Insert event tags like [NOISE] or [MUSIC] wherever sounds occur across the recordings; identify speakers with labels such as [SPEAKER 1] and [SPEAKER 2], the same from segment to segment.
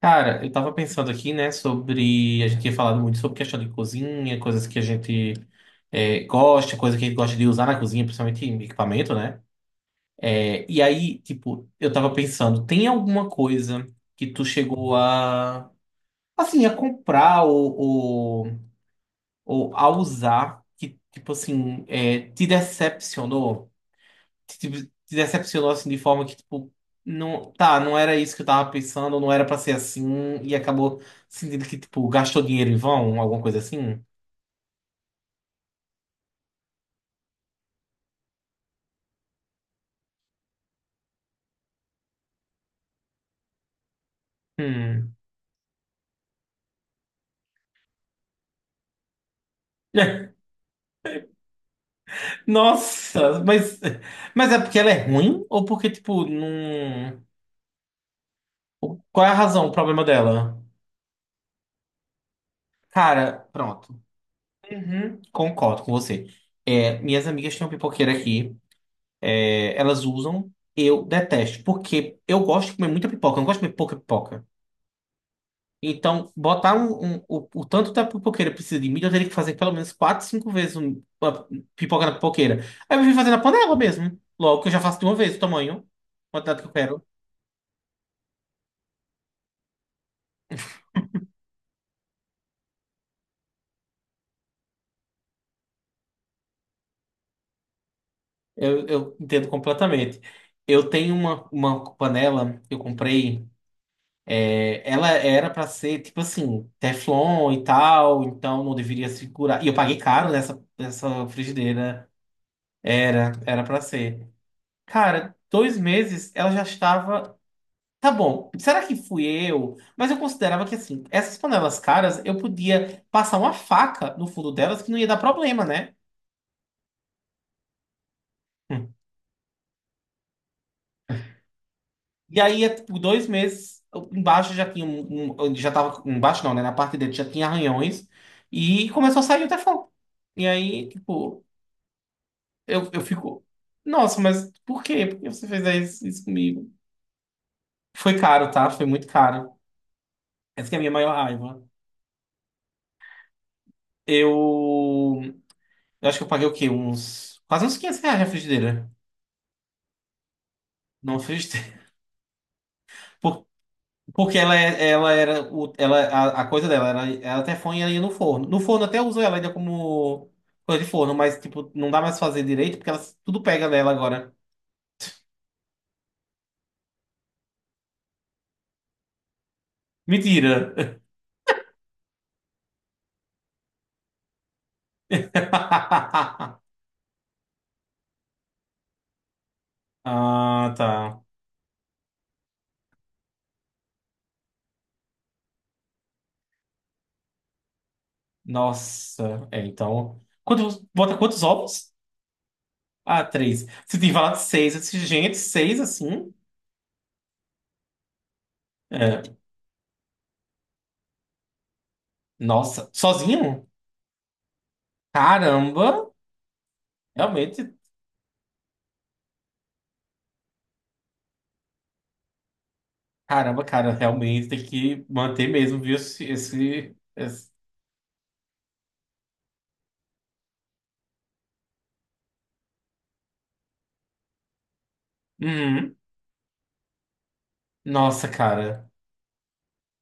[SPEAKER 1] Cara, eu tava pensando aqui, né, sobre. A gente tinha falado muito sobre questão de cozinha, coisas que a gente gosta, coisas que a gente gosta de usar na cozinha, principalmente em equipamento, né? É, e aí, tipo, eu tava pensando, tem alguma coisa que tu chegou a, assim, a comprar ou, ou a usar que, tipo assim, te decepcionou? Te decepcionou assim de forma que, tipo, não, tá, não era isso que eu tava pensando, não era pra ser assim, e acabou sentindo que, tipo, gastou dinheiro em vão, alguma coisa assim? Hum. [LAUGHS] Nossa, mas é porque ela é ruim? Ou porque, tipo, não. Qual é a razão, o problema dela? Cara, pronto. Uhum, concordo com você. É, minhas amigas têm uma pipoqueira aqui. É, elas usam. Eu detesto. Porque eu gosto de comer muita pipoca. Eu não gosto de comer pouca pipoca. Então, botar o tanto da pipoqueira precisa de milho, eu teria que fazer pelo menos 4 5 vezes a pipoca na pipoqueira. Aí eu vim fazer na panela mesmo. Logo que eu já faço de uma vez o tamanho, a quantidade que eu quero. Eu entendo completamente. Eu tenho uma panela que eu comprei. Ela era pra ser tipo assim, Teflon e tal, então não deveria segurar. E eu paguei caro nessa frigideira. Era para ser. Cara, dois meses ela já estava. Tá bom. Será que fui eu? Mas eu considerava que assim, essas panelas caras, eu podia passar uma faca no fundo delas que não ia dar problema, né? Hum. E aí, é, tipo, dois meses eu- embaixo já tinha já tava embaixo não, né? Na parte dele já tinha arranhões e começou a sair o teflon. E aí, tipo, eu fico, nossa, mas por quê? Por que você fez isso comigo? Foi caro, tá? Foi muito caro. Essa que é a minha maior raiva. Eu, eu acho que eu paguei o quê? Uns quase uns R$ 500 na frigideira. Não fez tempo. Por- Porque ela, ela era. Ela, a coisa dela era. Ela até foi ali no forno. No forno até uso ela ainda como coisa de forno, mas tipo, não dá mais pra fazer direito porque ela, tudo pega nela agora. Mentira! [LAUGHS] Ah, tá. Nossa. É, então. Quantos, bota quantos ovos? Ah, três. Você tem falado seis. Eu disse, gente, seis assim? É. Nossa. Sozinho? Caramba! Realmente. Caramba, cara, realmente tem que manter mesmo, viu? Esse. Uhum. Nossa, cara,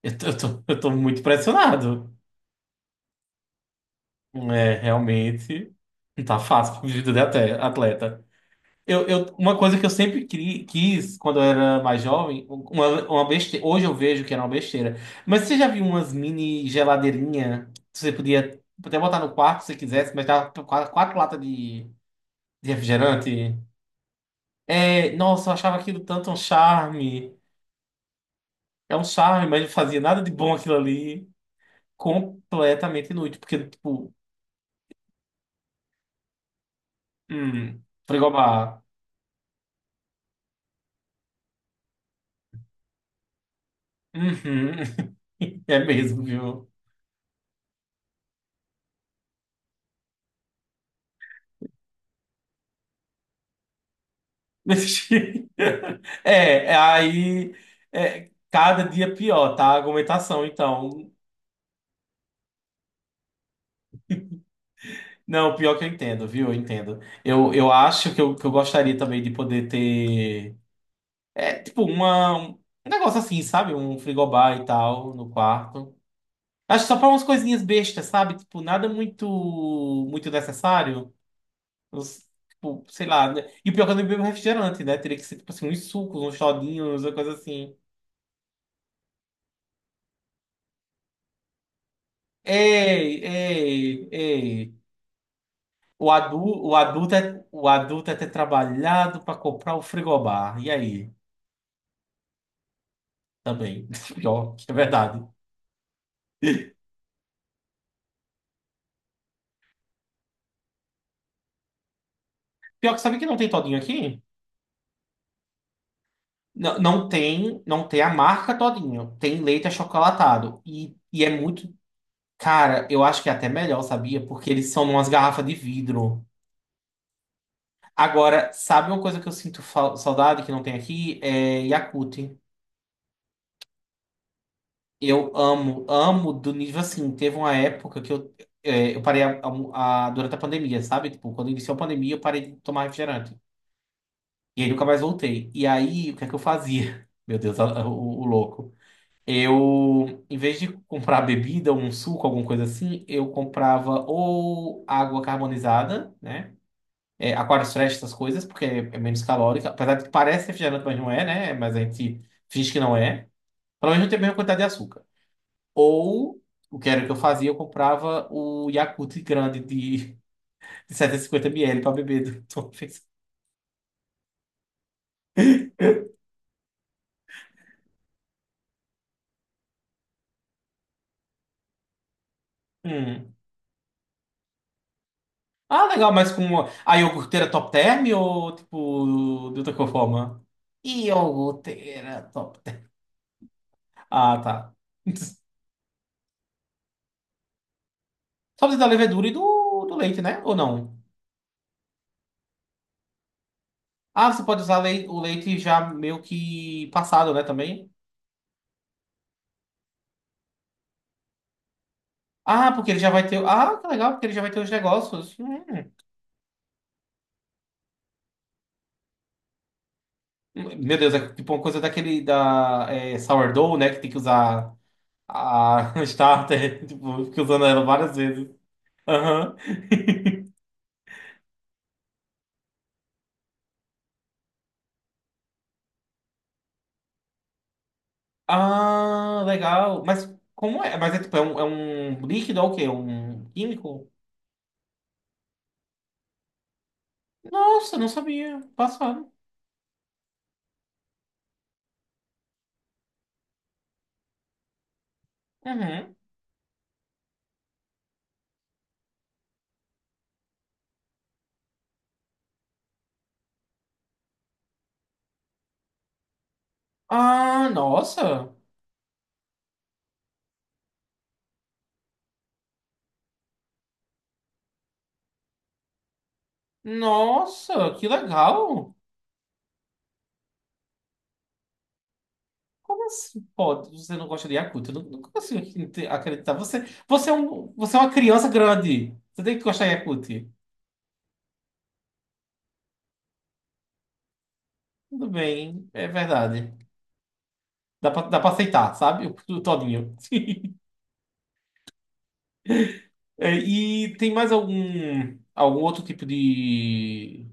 [SPEAKER 1] eu tô muito impressionado. É, realmente, não tá fácil pra vida de atleta. Uma coisa que eu sempre quis quando eu era mais jovem, uma besteira, hoje eu vejo que era uma besteira, mas você já viu umas mini geladeirinha que você podia até botar no quarto se você quisesse, mas dava quatro latas de refrigerante? É, nossa, eu achava aquilo tanto um charme. É um charme, mas não fazia nada de bom aquilo ali. Completamente inútil. Porque, tipo, hum, frigobar. Uhum. [LAUGHS] É mesmo, viu? [LAUGHS] É, é, aí. É, cada dia pior, tá? A argumentação, então. Não, pior que eu entendo, viu? Eu entendo. Eu acho que eu gostaria também de poder ter. É, tipo, uma, um um negócio assim, sabe? Um frigobar e tal no quarto. Acho que só pra umas coisinhas bestas, sabe? Tipo, nada muito muito necessário. Os- tipo, sei lá. Né? E o pior é que eu não bebo refrigerante, né? Teria que ser, tipo assim, uns sucos, uns todinhos, uma coisa assim. Ei, ei, ei. O adulto é ter trabalhado pra comprar o frigobar. E aí? Também. [LAUGHS] Pior, que é verdade. Pior que sabe que não tem todinho aqui? Não tem a marca todinho. Tem leite achocolatado. E é muito Cara, eu acho que é até melhor, sabia? Porque eles são umas garrafas de vidro. Agora, sabe uma coisa que eu sinto saudade que não tem aqui? É Yakult. Eu amo, amo do nível tipo assim. Teve uma época que eu, é, eu parei durante a pandemia, sabe? Tipo, quando iniciou a pandemia, eu parei de tomar refrigerante. E aí nunca mais voltei. E aí, o que é que eu fazia? [LAUGHS] Meu Deus, o louco. Eu, em vez de comprar bebida, um suco, alguma coisa assim, eu comprava ou água carbonizada, né? É, Aquarius Fresh, essas coisas, porque é menos calórica. Apesar de que parece refrigerante, mas não é, né? Mas a gente finge que não é. Pelo menos não tem a mesma quantidade de açúcar. Ou, o que era que eu fazia, eu comprava o Yakult grande de, [LAUGHS] de 750 ml pra beber [LAUGHS] de uma vez. Hum. Ah, legal, mas com a iogurteira top term ou, tipo, de outra forma? Iogurteira top term. Ah, tá. [LAUGHS] Só precisa da levedura e do, do leite, né? Ou não? Ah, você pode usar o leite já meio que passado, né, também? Ah, porque ele já vai ter. Ah, que legal, porque ele já vai ter os negócios. Hum. Meu Deus, é tipo uma coisa daquele sourdough, né? Que tem que usar a [LAUGHS] starter, tipo, fica usando ela várias vezes. Aham. [LAUGHS] Ah, legal. Mas como é? Mas é tipo, é um líquido ou o quê? É um químico? Nossa, não sabia. Passado. Uhum. Ah, nossa. Nossa, que legal. Como assim? Pode, você não gosta de Yakult? Eu não, não consigo acreditar. Você é uma criança grande. Você tem que gostar de Yakult. Tudo bem, é verdade. Dá pra aceitar, sabe? O todinho. [LAUGHS] É, e tem mais algum outro tipo de,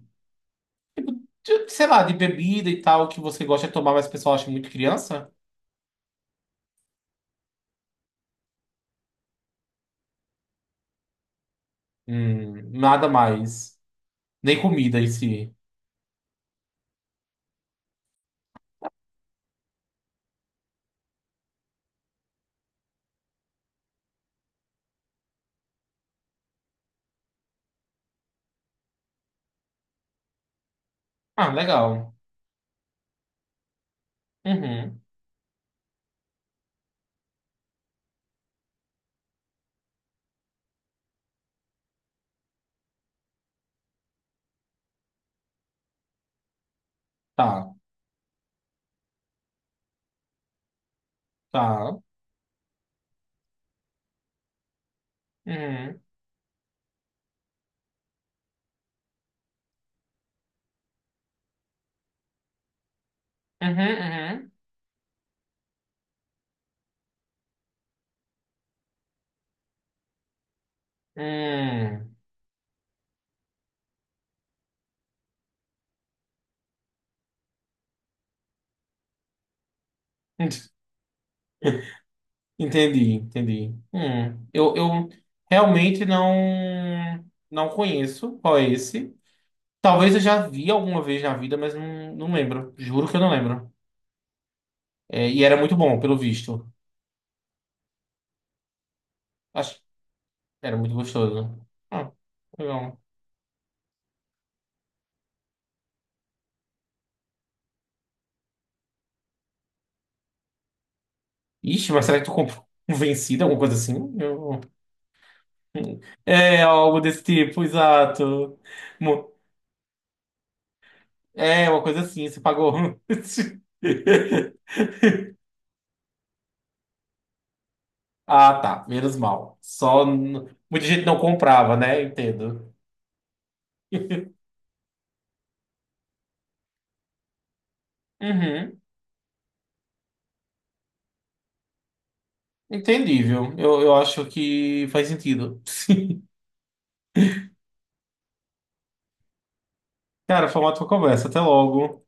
[SPEAKER 1] sei lá, de bebida e tal que você gosta de tomar, mas o pessoal acha muito criança? Nada mais. Nem comida em si. Ah, legal. Uhum. Tá, tá. Uhum. Uhum, uhum. Hum. [LAUGHS] Entendi, entendi. Hum. Eu realmente não conheço qual é esse. Talvez eu já vi alguma vez na vida, mas não lembro. Juro que eu não lembro. É, e era muito bom, pelo visto. Acho, era muito gostoso. Ah, legal. Ixi, mas será que tu comprou um vencido, alguma coisa assim? Eu- [LAUGHS] É, algo desse tipo, exato. Mo- É, uma coisa assim, você pagou. [LAUGHS] Ah, tá. Menos mal. Só n- muita gente não comprava, né? Entendo. Uhum. Entendível. Eu acho que faz sentido. [LAUGHS] Cara, foi uma ótima conversa. Até logo.